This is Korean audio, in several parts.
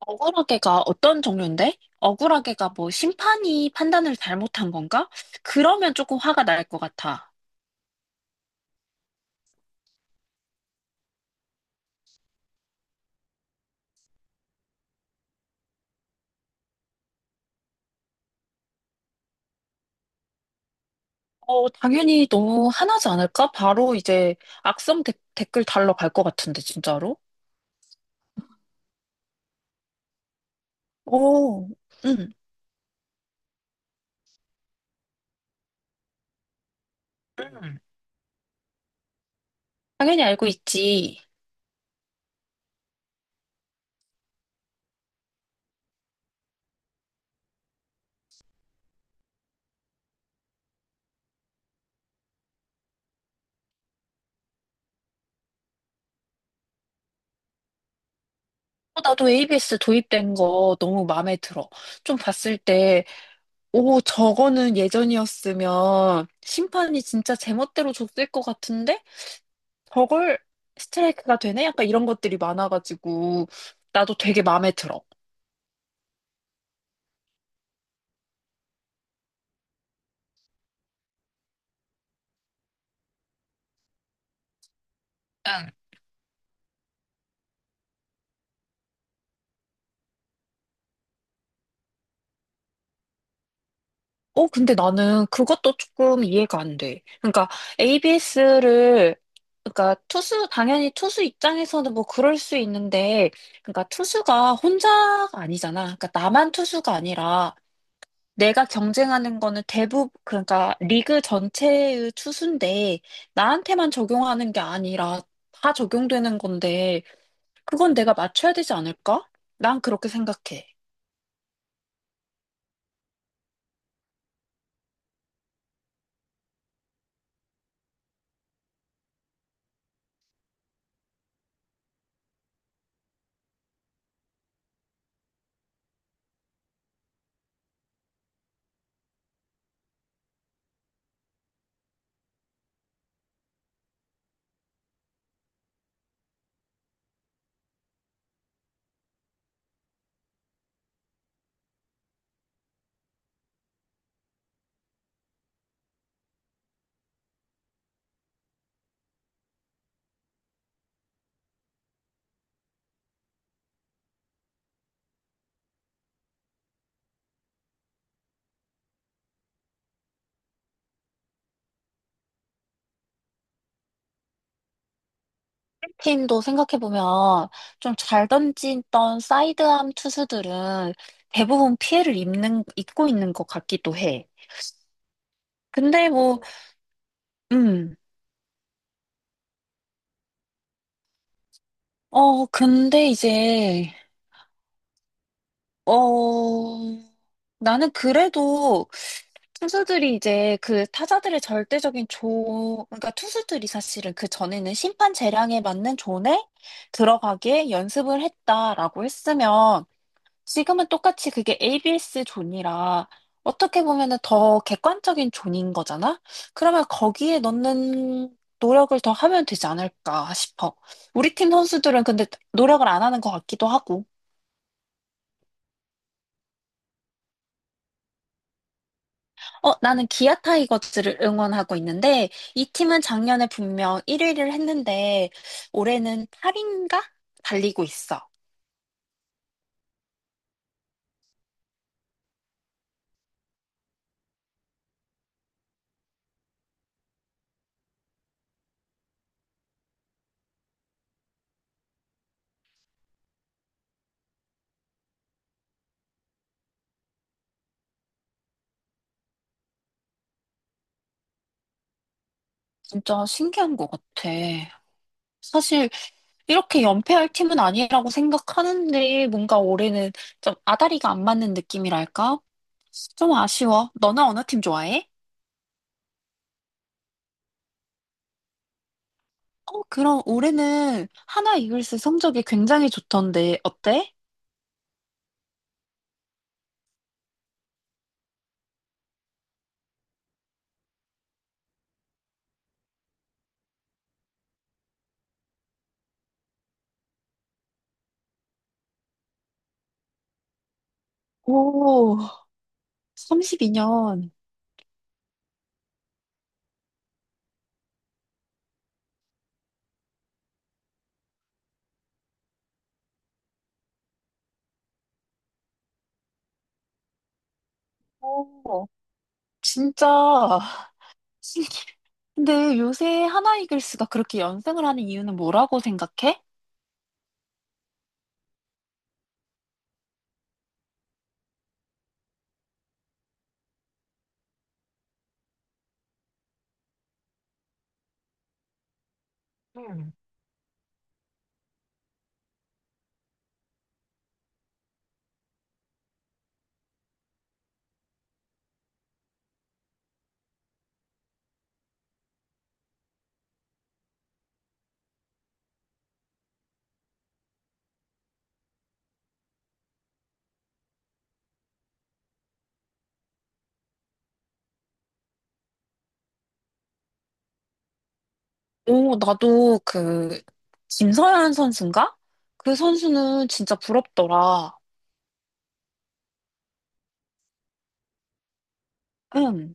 억울하게가 어떤 종류인데? 억울하게가 뭐 심판이 판단을 잘못한 건가? 그러면 조금 화가 날 것 같아. 당연히 너무 화나지 않을까? 바로 이제 악성 댓글 달러 갈 것 같은데, 진짜로? 오, 응, 응. 당연히 알고 있지. 나도 ABS 도입된 거 너무 마음에 들어. 좀 봤을 때, 오, 저거는 예전이었으면 심판이 진짜 제멋대로 줬을 것 같은데? 저걸 스트라이크가 되네? 약간 이런 것들이 많아가지고 나도 되게 마음에 들어. 응, 근데 나는 그것도 조금 이해가 안 돼. 그러니까 ABS를 그러니까 투수 당연히 투수 입장에서는 뭐 그럴 수 있는데 그러니까 투수가 혼자가 아니잖아. 그러니까 나만 투수가 아니라 내가 경쟁하는 거는 대부분 그러니까 리그 전체의 투수인데 나한테만 적용하는 게 아니라 다 적용되는 건데 그건 내가 맞춰야 되지 않을까? 난 그렇게 생각해. 팀도 생각해보면 좀 잘 던지던 사이드암 투수들은 대부분 피해를 입고 있는 것 같기도 해. 근데 뭐, 음, 근데 이제, 어, 나는 그래도 투수들이 이제 그 타자들의 절대적인 그러니까 투수들이 사실은 그 전에는 심판 재량에 맞는 존에 들어가게 연습을 했다라고 했으면 지금은 똑같이 그게 ABS 존이라 어떻게 보면은 더 객관적인 존인 거잖아? 그러면 거기에 넣는 노력을 더 하면 되지 않을까 싶어. 우리 팀 선수들은 근데 노력을 안 하는 것 같기도 하고. 나는 기아 타이거즈를 응원하고 있는데 이 팀은 작년에 분명 1위를 했는데 올해는 8인가 달리고 있어. 진짜 신기한 것 같아. 사실 이렇게 연패할 팀은 아니라고 생각하는데 뭔가 올해는 좀 아다리가 안 맞는 느낌이랄까? 좀 아쉬워. 너나 어느 팀 좋아해? 그럼 올해는 하나 이글스 성적이 굉장히 좋던데 어때? 오, 32년. 오, 진짜 신기해. 근데 요새 하나 이글스가 그렇게 연승을 하는 이유는 뭐라고 생각해? 오, 나도 그 김서현 선수인가? 그 선수는 진짜 부럽더라. 응.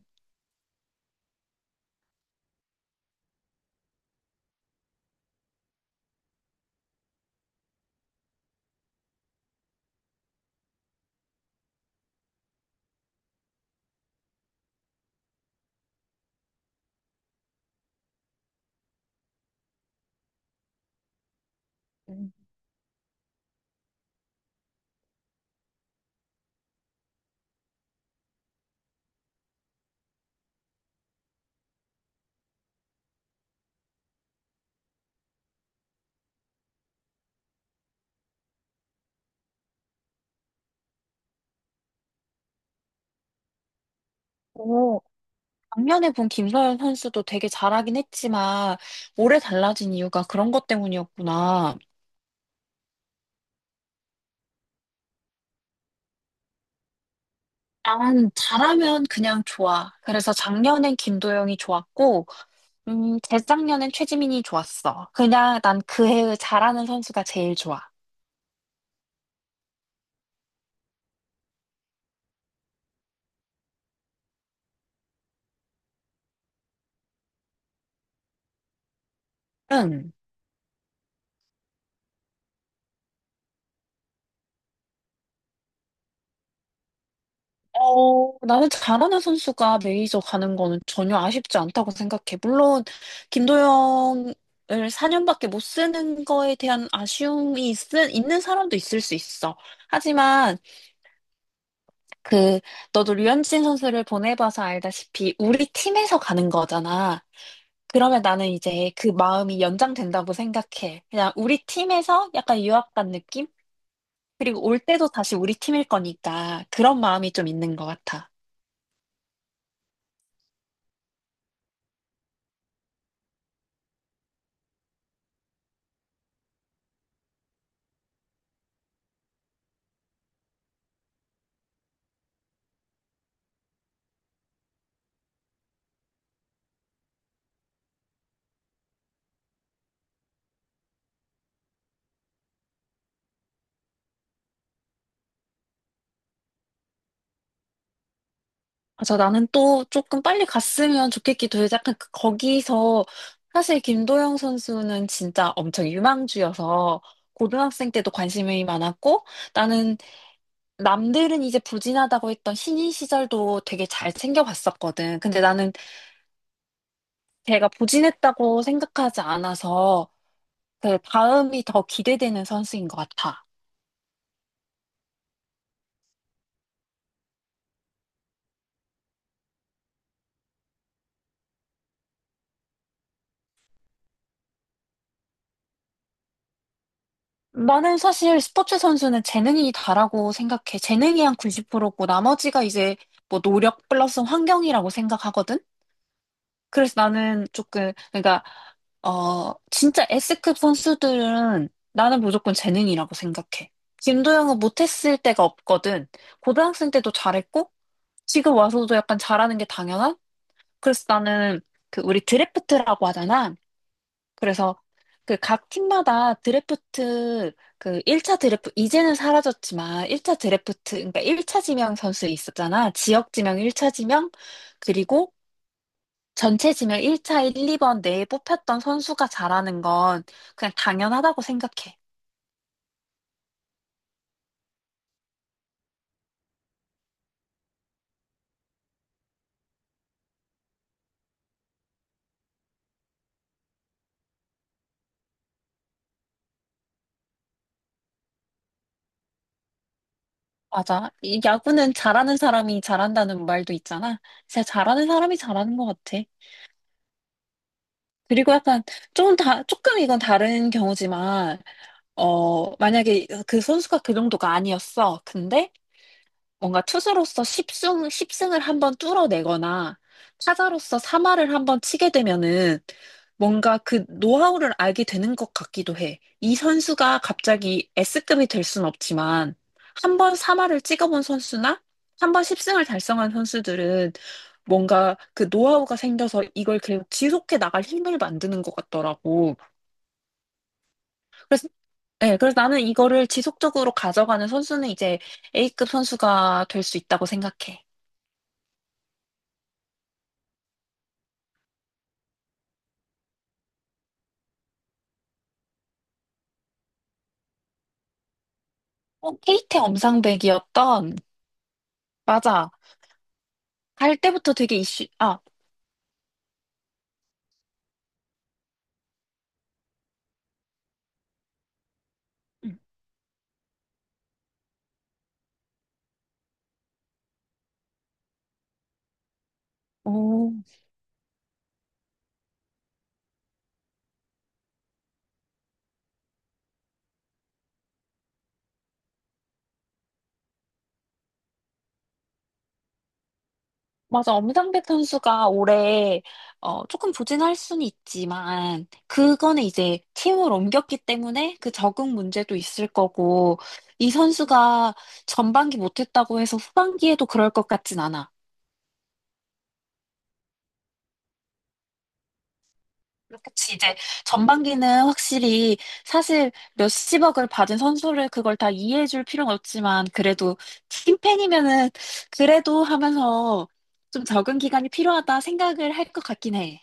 음. 오, 작년에 본 김서현 선수도 되게 잘하긴 했지만 올해 달라진 이유가 그런 것 때문이었구나. 난 잘하면 그냥 좋아. 그래서 작년엔 김도영이 좋았고, 재작년엔 최지민이 좋았어. 그냥 난 그 해의 잘하는 선수가 제일 좋아. 응. 나는 잘하는 선수가 메이저 가는 거는 전혀 아쉽지 않다고 생각해. 물론, 김도영을 4년밖에 못 쓰는 거에 대한 아쉬움이 있는 사람도 있을 수 있어. 하지만, 그, 너도 류현진 선수를 보내봐서 알다시피, 우리 팀에서 가는 거잖아. 그러면 나는 이제 그 마음이 연장된다고 생각해. 그냥 우리 팀에서 약간 유학 간 느낌? 그리고 올 때도 다시 우리 팀일 거니까 그런 마음이 좀 있는 것 같아. 맞아, 나는 또 조금 빨리 갔으면 좋겠기도 해. 약간 거기서 사실 김도영 선수는 진짜 엄청 유망주여서 고등학생 때도 관심이 많았고 나는 남들은 이제 부진하다고 했던 신인 시절도 되게 잘 챙겨봤었거든. 근데 나는 걔가 부진했다고 생각하지 않아서 그 다음이 더 기대되는 선수인 것 같아. 나는 사실 스포츠 선수는 재능이 다라고 생각해. 재능이 한 90%고 나머지가 이제 뭐 노력 플러스 환경이라고 생각하거든? 그래서 나는 조금, 그러니까, 진짜 S급 선수들은 나는 무조건 재능이라고 생각해. 김도영은 못했을 때가 없거든. 고등학생 때도 잘했고, 지금 와서도 약간 잘하는 게 당연한? 그래서 나는 그 우리 드래프트라고 하잖아. 그래서 그 각 팀마다 드래프트 그 1차 드래프트 이제는 사라졌지만 1차 드래프트 그러니까 1차 지명 선수 있었잖아. 지역 지명 1차 지명 그리고 전체 지명 1차 1, 2번 내에 뽑혔던 선수가 잘하는 건 그냥 당연하다고 생각해. 맞아. 이 야구는 잘하는 사람이 잘한다는 말도 있잖아. 진짜 잘하는 사람이 잘하는 것 같아. 그리고 약간 조금 조금 이건 다른 경우지만 만약에 그 선수가 그 정도가 아니었어. 근데 뭔가 투수로서 10승, 10승을 한번 뚫어내거나 타자로서 3할을 한번 치게 되면은 뭔가 그 노하우를 알게 되는 것 같기도 해. 이 선수가 갑자기 S급이 될 순 없지만 한 번 3할을 찍어본 선수나 한 번 10승을 달성한 선수들은 뭔가 그 노하우가 생겨서 이걸 계속 지속해 나갈 힘을 만드는 것 같더라고. 그래서 네, 그래서 나는 이거를 지속적으로 가져가는 선수는 이제 A급 선수가 될 수 있다고 생각해. 케이트 엄상백이었던, 맞아. 갈 때부터 되게 이슈, 음. 오, 맞아. 엄상백 선수가 올해, 조금 부진할 수는 있지만, 그거는 이제 팀을 옮겼기 때문에 그 적응 문제도 있을 거고, 이 선수가 전반기 못했다고 해서 후반기에도 그럴 것 같진 않아. 그치, 이제 전반기는 확실히 사실 몇십억을 받은 선수를 그걸 다 이해해줄 필요는 없지만 그래도 팀팬이면은 그래도 하면서 좀 적응 기간이 필요하다 생각을 할 것 같긴 해.